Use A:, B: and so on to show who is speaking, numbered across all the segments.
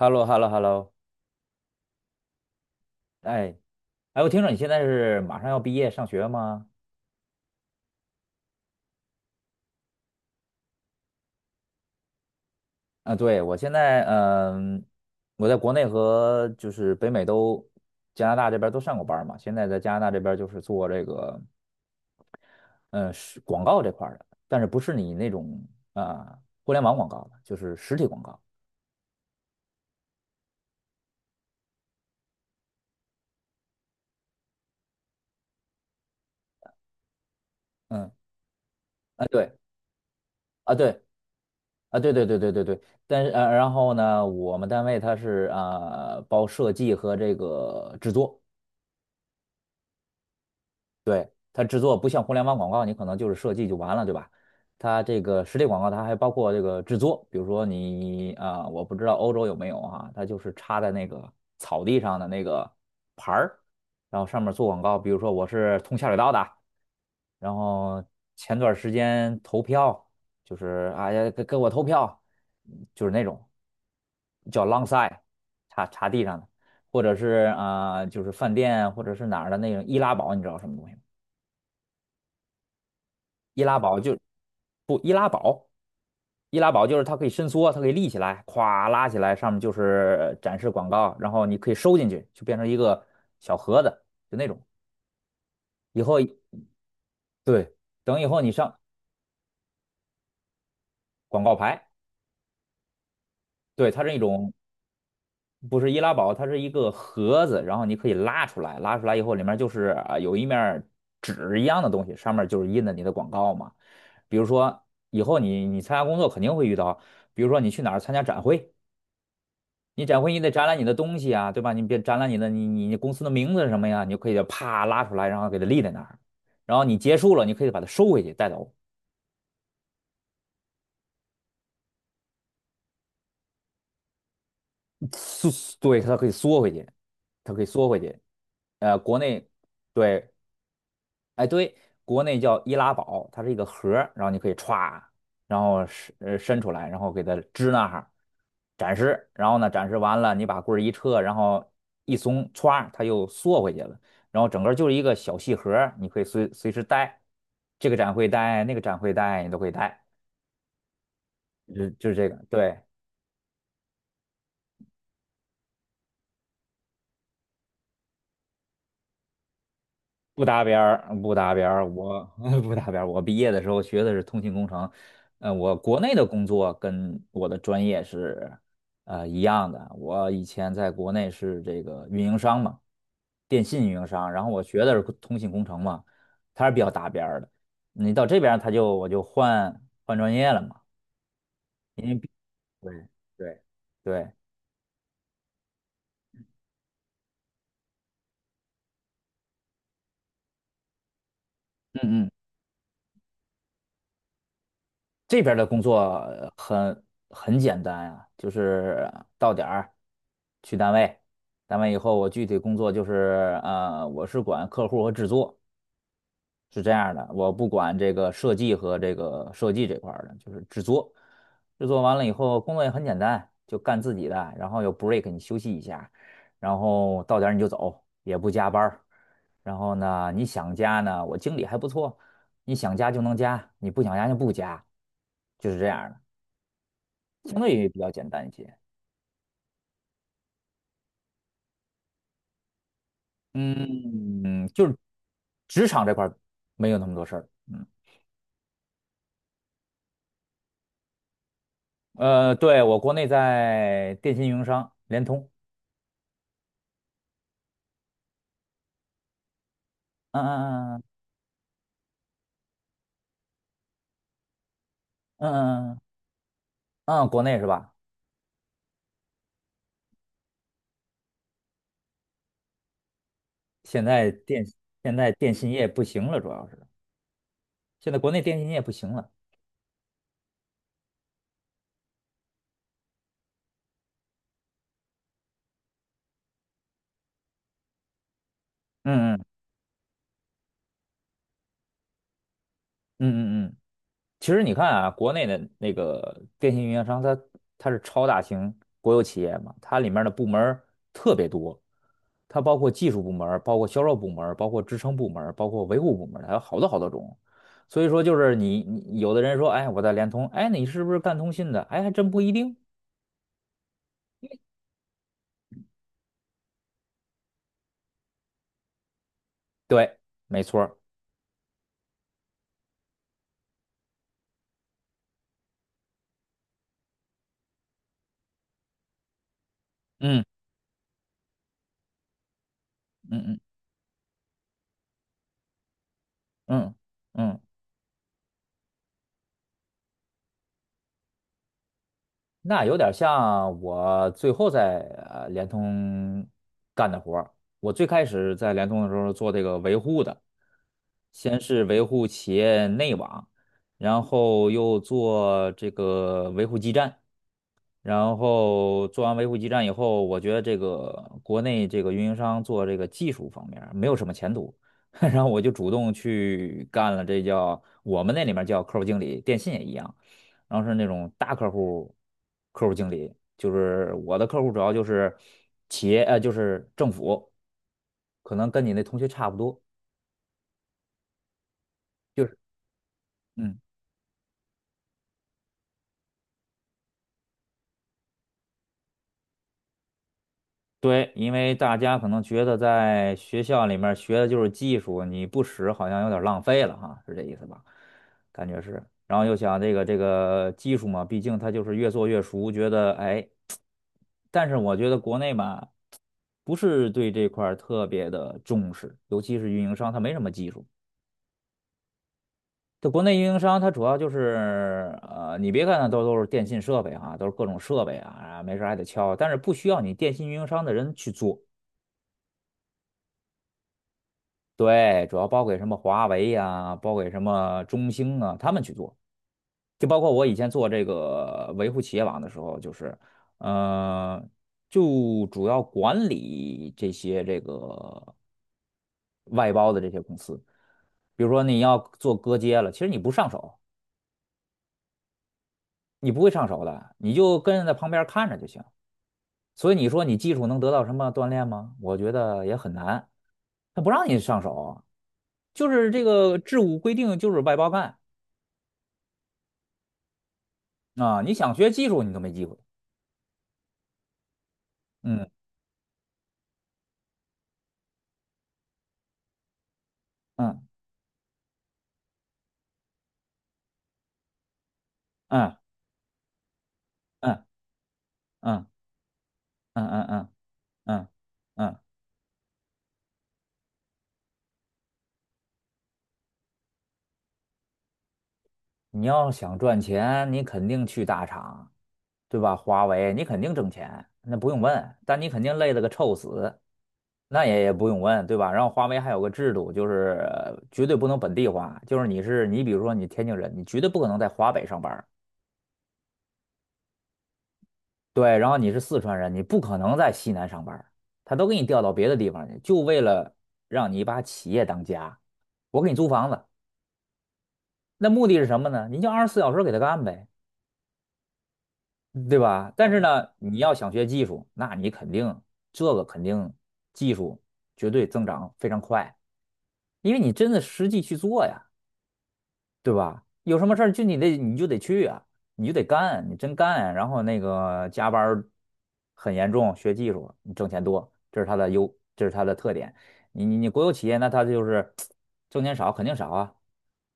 A: hello hello hello 哎，哎，我听说你现在是马上要毕业上学吗？啊，对，我现在，我在国内和就是北美都，加拿大这边都上过班儿嘛。现在在加拿大这边就是做这个，嗯，是广告这块儿的，但是不是你那种互联网广告的，就是实体广告。嗯，啊，对，啊，对，啊，对对对对对对。但是然后呢，我们单位它是包设计和这个制作。对，它制作不像互联网广告，你可能就是设计就完了，对吧？它这个实体广告，它还包括这个制作，比如说你我不知道欧洲有没有啊，它就是插在那个草地上的那个牌儿，然后上面做广告，比如说我是通下水道的，然后前段时间投票，就是哎呀给我投票，就是那种叫 long side 插地上的，或者是就是饭店或者是哪儿的那种易拉宝，你知道什么东西吗？易拉宝就不易拉宝，易拉宝就是它可以伸缩，它可以立起来，咵拉起来，上面就是展示广告，然后你可以收进去，就变成一个小盒子，就那种。以后对，等以后你上广告牌，对，它是一种不是易拉宝，它是一个盒子，然后你可以拉出来，拉出来以后里面就是啊有一面儿纸一样的东西，上面就是印的你的广告嘛。比如说以后你参加工作肯定会遇到，比如说你去哪儿参加展会。你展会你得展览你的东西啊，对吧？你别展览你的你公司的名字是什么呀？你就可以啪拉出来，然后给它立在那儿，然后你结束了，你可以把它收回去带走，缩，对，它可以缩回去，它可以缩回去。国内对哎，对，国内叫易拉宝，它是一个盒儿然后你可以歘，然后伸出来，然后给它支那哈儿，展示，然后呢展示完了，你把棍儿一撤，然后一松，歘，它又缩回去了，然后整个就是一个小细盒儿你可以随时带，这个展会带，那个展会带，你都可以带，就是这个，对。不搭边儿，不搭边儿，我 不搭边儿。我毕业的时候学的是通信工程，我国内的工作跟我的专业是一样的。我以前在国内是这个运营商嘛，电信运营商，然后我学的是通信工程嘛，它是比较搭边儿的。你到这边儿，我就换换专业了嘛，因为毕对对对，嗯嗯这边儿的工作很简单呀、就是到点儿去单位，单位以后我具体工作就是我是管客户和制作，是这样的，我不管这个设计和这个设计这块儿的，就是制作，制作完了以后，工作也很简单，就干自己的，然后有 break 你休息一下，然后到点儿你就走，也不加班儿然后呢，你想加呢，我经理还不错，你想加就能加，你不想加就不加，就是这样儿的，相对于比较简单一些。嗯，就是职场这块儿没有那么多事儿。嗯，对，我国内在电信运营商联通。嗯嗯嗯嗯嗯嗯，嗯，国内是吧？现在电现在电信业不行了，主要是现在国内电信业不行了。嗯嗯嗯嗯嗯，其实你看啊，国内的那个电信运营商它是超大型国有企业嘛，它里面的部门儿特别多，它包括技术部门儿包括销售部门儿包括支撑部门儿包括维护部门儿还有好多好多种。所以说，就是你有的人说，哎，我在联通，哎，你是不是干通信的？哎，还真不一定。对，没错儿嗯嗯嗯嗯嗯，那有点像我最后在联通干的活儿。我最开始在联通的时候做这个维护的，先是维护企业内网，然后又做这个维护基站。然后做完维护基站以后，我觉得这个国内这个运营商做这个技术方面儿没有什么前途，然后我就主动去干了，这叫我们那里面叫客户经理，电信也一样，然后是那种大客户客户经理，就是我的客户主要就是企业，就是政府，可能跟你那同学差不多，就是。嗯。对，因为大家可能觉得在学校里面学的就是技术，你不使好像有点浪费了哈，是这意思吧？感觉是。然后又想这个技术嘛，毕竟它就是越做越熟，觉得哎，但是我觉得国内吧，不是对这块儿特别的重视，尤其是运营商，它没什么技术。这国内运营商它主要就是你别看它都是电信设备啊，都是各种设备啊，没事儿还得敲，但是不需要你电信运营商的人去做。对，主要包给什么华为呀、包给什么中兴啊，他们去做。就包括我以前做这个维护企业网的时候，就是，呃，就主要管理这些这个外包的这些公司。比如说你要做割接了，其实你不上手，你不会上手的，你就跟着在旁边看着就行。所以你说你技术能得到什么锻炼吗？我觉得也很难，他不让你上手啊，就是这个制度规定就是外包干。啊，你想学技术你都没机会。嗯嗯嗯嗯嗯嗯嗯嗯嗯嗯，你要想赚钱，你肯定去大厂，对吧？华为你肯定挣钱，那不用问。但你肯定累得个臭死，那也不用问，对吧？然后华为还有个制度，就是绝对不能本地化，就是你是你，比如说你天津人，你绝对不可能在华北上班。对，然后你是四川人，你不可能在西南上班儿他都给你调到别的地方去，就为了让你把企业当家。我给你租房子，那目的是什么呢？你就24小时给他干呗，对吧？但是呢，你要想学技术，那你肯定这个肯定技术绝对增长非常快，因为你真的实际去做呀。对吧？有什么事儿就你就得去啊，你就得干，你真干，然后那个加班儿很严重，学技术，你挣钱多，这是它的优，这是它的特点。你国有企业，那它就是 挣钱少，肯定少啊，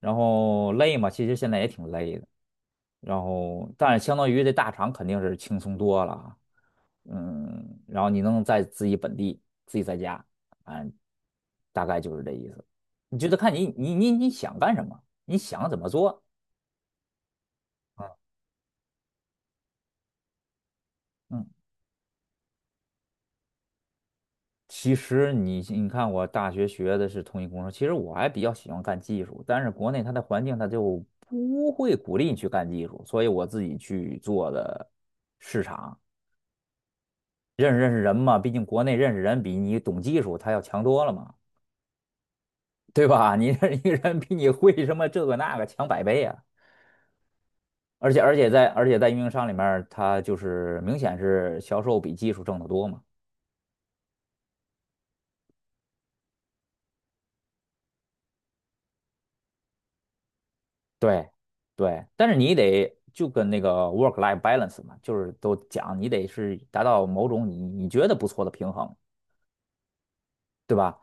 A: 然后累嘛，其实现在也挺累的。然后但是相当于这大厂肯定是轻松多了啊嗯，然后你能在自己本地自己在家，嗯，大概就是这意思。你就得看你想干什么，你想怎么做，嗯。其实你看，我大学学的是通信工程，其实我还比较喜欢干技术，但是国内它的环境它就不会鼓励你去干技术，所以我自己去做的市场，认识认识人嘛，毕竟国内认识人比你懂技术他要强多了嘛。对吧？你这一个人比你会什么这个那个强百倍啊！而且在运营商里面他就是明显是销售比技术挣得多嘛。对对，但是你得就跟那个 work life balance 嘛，就是都讲你得是达到某种你觉得不错的平衡，对吧？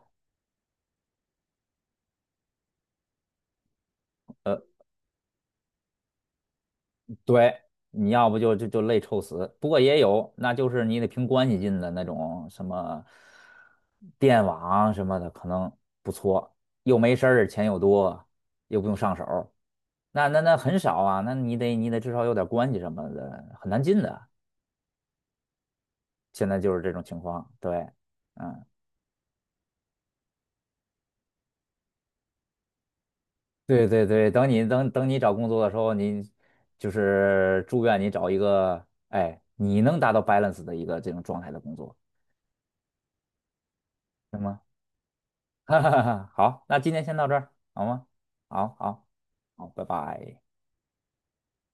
A: 对，你要不就累臭死。不过也有，那就是你得凭关系进的那种什么电网什么的，可能不错，又没事儿，钱又多，又不用上手儿那很少啊，那你得至少有点关系什么的，很难进的。现在就是这种情况，对，嗯，对对对，等你找工作的时候，你就是祝愿你找一个，哎，你能达到 balance 的一个这种状态的工作，行吗？哈哈哈，好，那今天先到这儿，好吗？好好好，拜拜。